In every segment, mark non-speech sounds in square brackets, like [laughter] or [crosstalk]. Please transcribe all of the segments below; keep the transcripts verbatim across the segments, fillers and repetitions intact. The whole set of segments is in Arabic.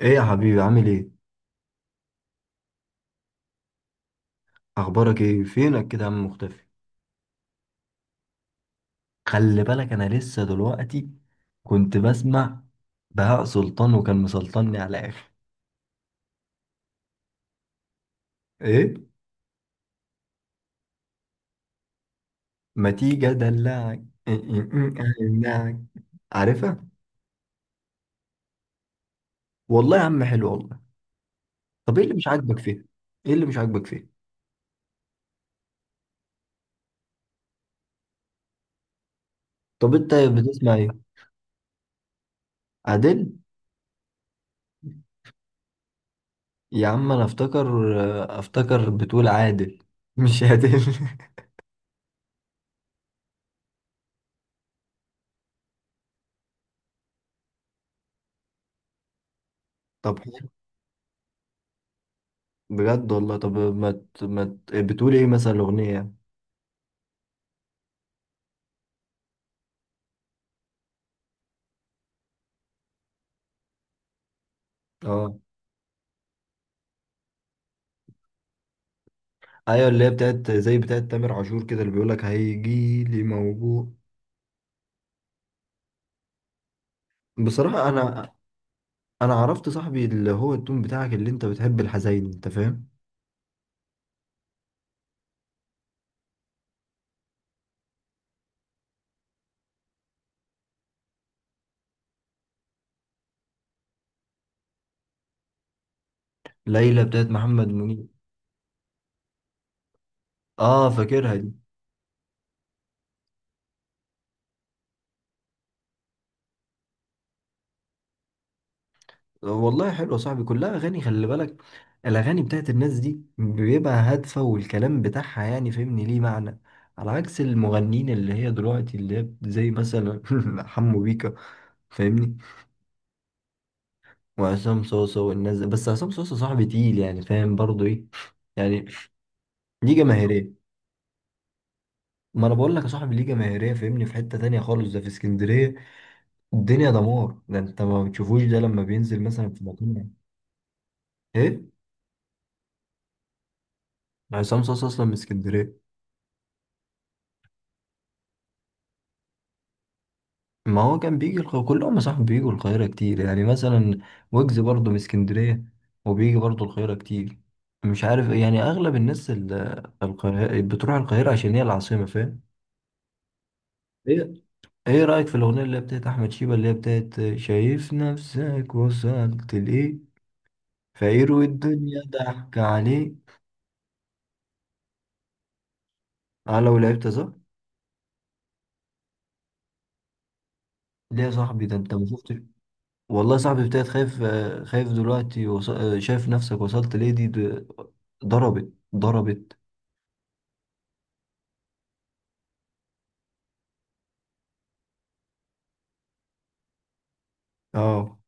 ايه يا حبيبي، عامل ايه؟ اخبارك ايه؟ فينك كده يا عم؟ مختفي. خلي بالك انا لسه دلوقتي كنت بسمع بهاء سلطان وكان مسلطني على اخر. ايه؟ ما تيجي ادلعك. إيه إيه إيه. أدلعك. عارفها؟ والله يا عم حلو والله. طب ايه اللي مش عاجبك فيها؟ ايه اللي مش عاجبك فيها؟ طب انت بتسمع ايه؟ عادل. يا عم انا افتكر افتكر بتقول عادل، مش عادل. [laughs] طب حلو. بجد والله. طب ما ت- ما ت- بتقول ايه مثلا الاغنيه يعني؟ اه. ايوه اللي هي بتاعت زي بتاعت تامر عاشور كده اللي بيقولك هيجي لي موجوع. بصراحة انا انا عرفت صاحبي اللي هو التون بتاعك اللي انت بتحب الحزين، انت فاهم. ليلى بتاعت محمد منير. اه فاكرها دي. والله حلوة صاحبي، كلها اغاني خلي بالك. الاغاني بتاعت الناس دي بيبقى هادفة والكلام بتاعها يعني فهمني ليه معنى، على عكس المغنيين اللي هي دلوقتي، اللي هي زي مثلا [laughs] حمو بيكا فاهمني، وعصام صوصة والناس دي. بس عصام صوصة صاحبي تقيل، يعني فاهم برضه ايه يعني، ليه جماهيريه. ما انا بقول لك يا صاحبي ليه جماهيريه، فاهمني في حته تانية خالص، ده في اسكندريه الدنيا دمار. ده انت ما بتشوفوش ده لما بينزل مثلا في مكان. ايه؟ عصام صاصا اصلا من اسكندريه. ما هو كان بيجي الق...، كلهم يا صاحبي بيجوا القاهره كتير، يعني مثلا ويجز برضه من اسكندريه وبيجي برضه القاهره كتير. مش عارف يعني اغلب الناس ال- القاهره، بتروح القاهره عشان هي العاصمه فاهم. ايه؟ ايه رايك في الاغنيه اللي هي بتاعت احمد شيبه اللي هي بتاعت شايف نفسك وصلت لايه؟ فيروي الدنيا ضحك عليه. اه لو لعبت صح. ليه يا صاحبي؟ ده انت ما شفتش. والله يا صاحبي ابتديت خايف، آه، خايف دلوقتي، وص...، آه، شايف نفسك وصلت ليه دي د-. ضربت ضربت. اه.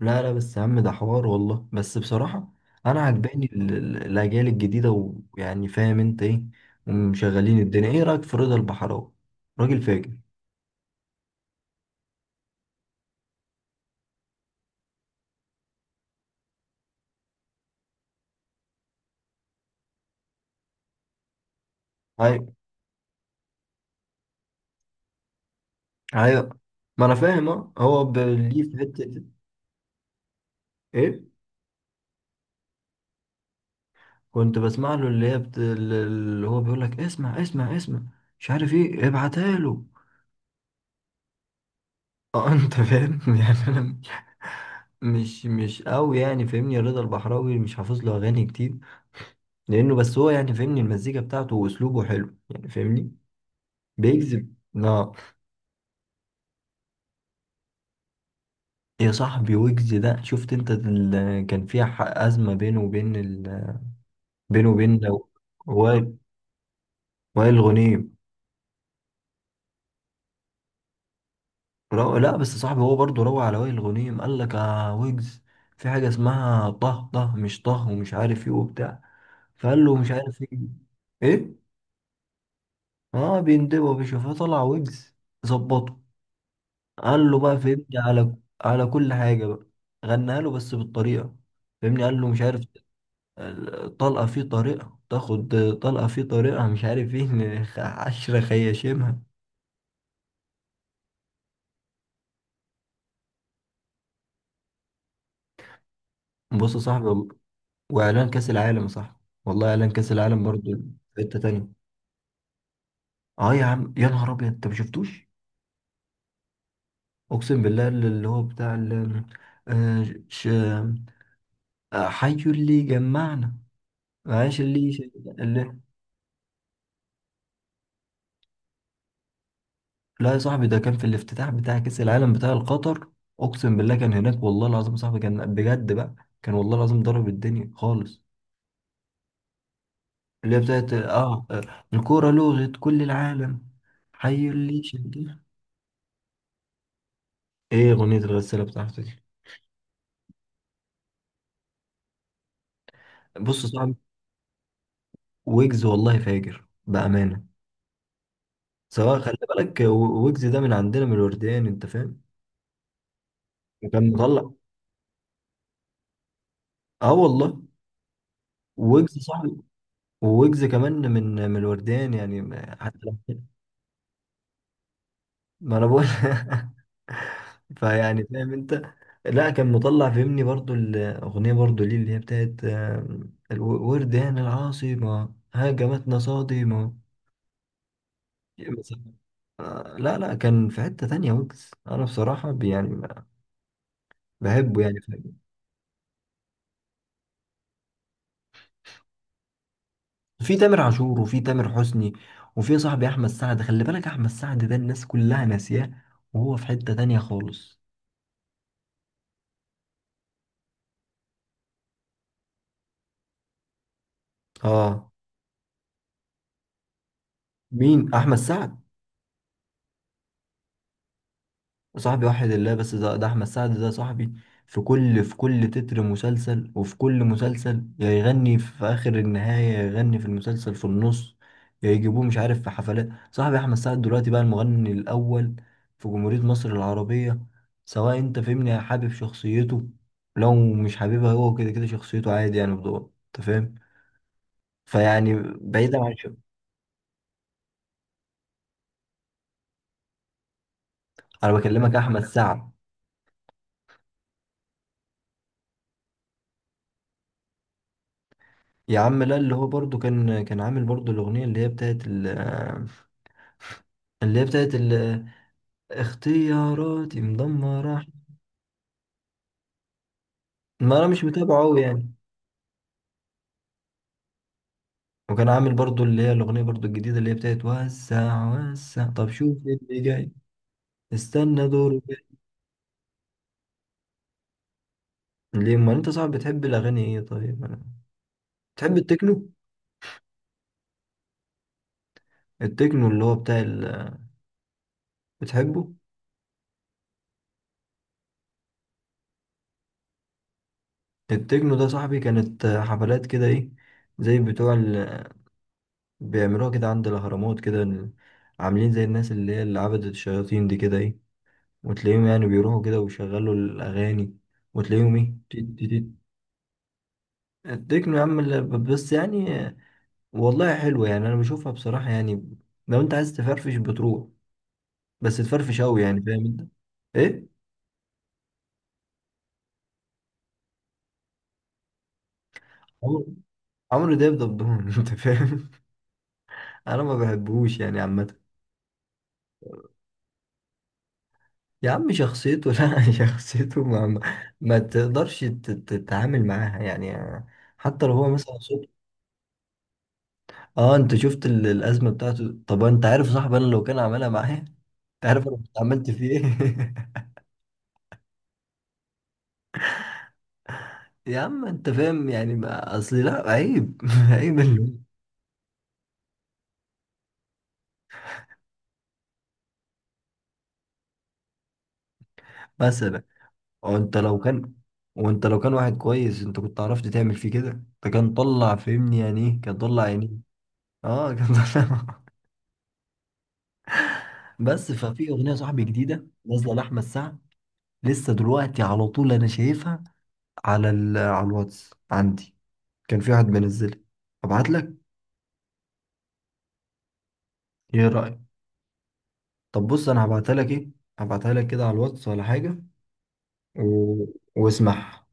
لا لا بس يا عم، ده حوار والله. بس بصراحة انا عجباني ال- ال- الاجيال الجديدة، ويعني فاهم انت ايه، ومشغلين الدنيا. ايه رأيك في رضا البحراوي؟ راجل فاجر. ايوه. ايوه. ما انا فاهم اه هو ب- ليه في حتة. ايه؟ كنت بسمع له اللي هي بت...، اللي هو بيقول لك اسمع اسمع اسمع مش عارف ايه ابعتها له. [laughs] اه انت فاهم. [laughs] يعني انا مش مش قوي يعني فاهمني. رضا البحراوي مش حافظ له اغاني كتير، لانه بس هو يعني فاهمني المزيكا بتاعته واسلوبه حلو يعني فاهمني، بيجذب. اه. يا صاحبي ويجز ده، شفت انت ال...؟ كان في ح- ازمه بينه وبين ال...، بينه وبين لو- وائل، وائل غنيم. رو...، لا بس صاحبي هو برضه روى على وائل الغنيم، قال لك يا ويجز في حاجة اسمها طه طه مش طه ومش عارف ايه وبتاع، فقال له مش عارف ايه. ايه؟ اه بيندبوا يا باشا، فطلع ويجز ظبطه، قال له بقى فهمني على، على كل حاجة بقى، غناها له بس بالطريقة فهمني. قال له مش عارف طلقة في طريقة تاخد، طلقة في طريقة مش عارف ايه، إن خ- عشرة خياشيمها. بص يا صاحبي والله-، وإعلان كأس العالم يا صاحبي، والله إعلان كأس العالم برضه في حتة تانية. اه يا عم، يا نهار ابيض، انت ما شفتوش؟ اقسم بالله اللي هو بتاع ال، آه، ش...، آه، حي اللي جمعنا، معلش اللي, ش...، اللي. لا يا صاحبي ده كان في الافتتاح بتاع كأس العالم بتاع القطر. اقسم بالله كان هناك، والله العظيم يا صاحبي كان بجد بقى، كان والله العظيم ضرب الدنيا خالص. اللي هي بتاعت، اه، آه، الكورة لغت كل العالم، حي اللي شجع. ايه اغنية الغسالة بتاعته دي؟ بص يا صاحبي، ويجز والله فاجر بأمانة سواء خلي بالك. و- ويجز ده من عندنا من الورديان، انت فاهم. وكان مطلع، اه والله ويجز صاحبي. ويجز كمان من من الورديان يعني، ما- حتى لو. ما انا بقول [laughs] فيعني فاهم انت. لا كان مطلع فهمني برضو الاغنيه برضو ليه اللي هي بتاعت، آم، الو- ورديان العاصمه هاجمتنا صادمه. آه، لا لا، كان في حته تانية. ويجز انا بصراحه يعني بحبه يعني. في تامر عاشور، وفي تامر حسني، وفي صاحبي احمد سعد. خلي بالك احمد سعد ده الناس كلها ناسياه، وهو في حتة تانية خالص. اه، مين؟ احمد سعد صاحبي وحد الله، بس ده, ده احمد سعد ده صاحبي. في كل في كل تتر مسلسل، وفي كل مسلسل يا يغني في اخر النهاية، يا يغني في المسلسل في النص، يا يجيبوه مش عارف في حفلات. صاحبي احمد سعد دلوقتي بقى المغني الاول في جمهورية مصر العربية، سواء انت فهمني حابب شخصيته، لو مش حاببها هو كده كده شخصيته عادي يعني بدور انت فاهم، فيعني بعيدا عن شو. انا بكلمك احمد سعد. يا عم لا، اللي هو برضو كان كان عامل برضو الاغنية اللي هي بتاعت ال، اللي هي بتاعت ال- اختياراتي مدمرة. ما انا مش متابعه قوي يعني. وكان عامل برضو اللي هي الاغنية برضو الجديدة اللي هي بتاعت وسع وسع. طب شوف اللي جاي، استنى دورك. ليه ما انت صعب بتحب الاغاني ايه؟ طيب انا بتحب التكنو. التكنو اللي هو بتاع ال...، بتحبه؟ التكنو ده صاحبي، كانت حفلات كده ايه زي بتوع ال...، بيعملوها كده عند الاهرامات كده، عاملين زي الناس اللي هي اللي عبدت الشياطين دي كده ايه، وتلاقيهم يعني بيروحوا كده ويشغلوا الأغاني، وتلاقيهم إيه، تيت تيت تيت. التكنو يا عم ال- بس يعني، والله حلوة يعني. أنا بشوفها بصراحة يعني، لو أنت عايز تفرفش بتروح، بس تفرفش أوي يعني، فاهم أنت. إيه؟ عمرو، عمرو دياب دبدون [laughs] أنت فاهم. أنا ما بحبهوش يعني عامة. يا عم شخصيته [laughs] لا شخصيته ما, ما ما تقدرش تت- تتعامل معاها يعني، حتى لو هو مثلا صوت. اه انت شفت ال- الازمه بتاعته. طب انت عارف صاحبي، انا لو كان عملها معايا، تعرف انا كنت عملت فيه ايه؟ [laughs] يا عم انت فاهم يعني، ما اصلي لا عيب [laughs] عيب اللي، مثلا، وانت لو كان، وانت لو كان واحد كويس انت كنت عرفت تعمل فيه كده، انت كان طلع فهمني، يعني ايه كان طلع يعني. اه كان طلع. [laughs] بس ففي اغنيه صاحبي جديده نازله لاحمد سعد، لسه دلوقتي على طول انا شايفها، على ال...، على الواتس عندي كان في واحد منزلها. ابعت لك، ايه رايك. طب بص انا هبعتها لك ايه، هبعتها لك كده على الواتس ولا حاجه، و... واسمعها.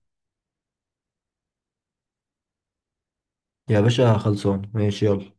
يا باشا خلصان ماشي يلا.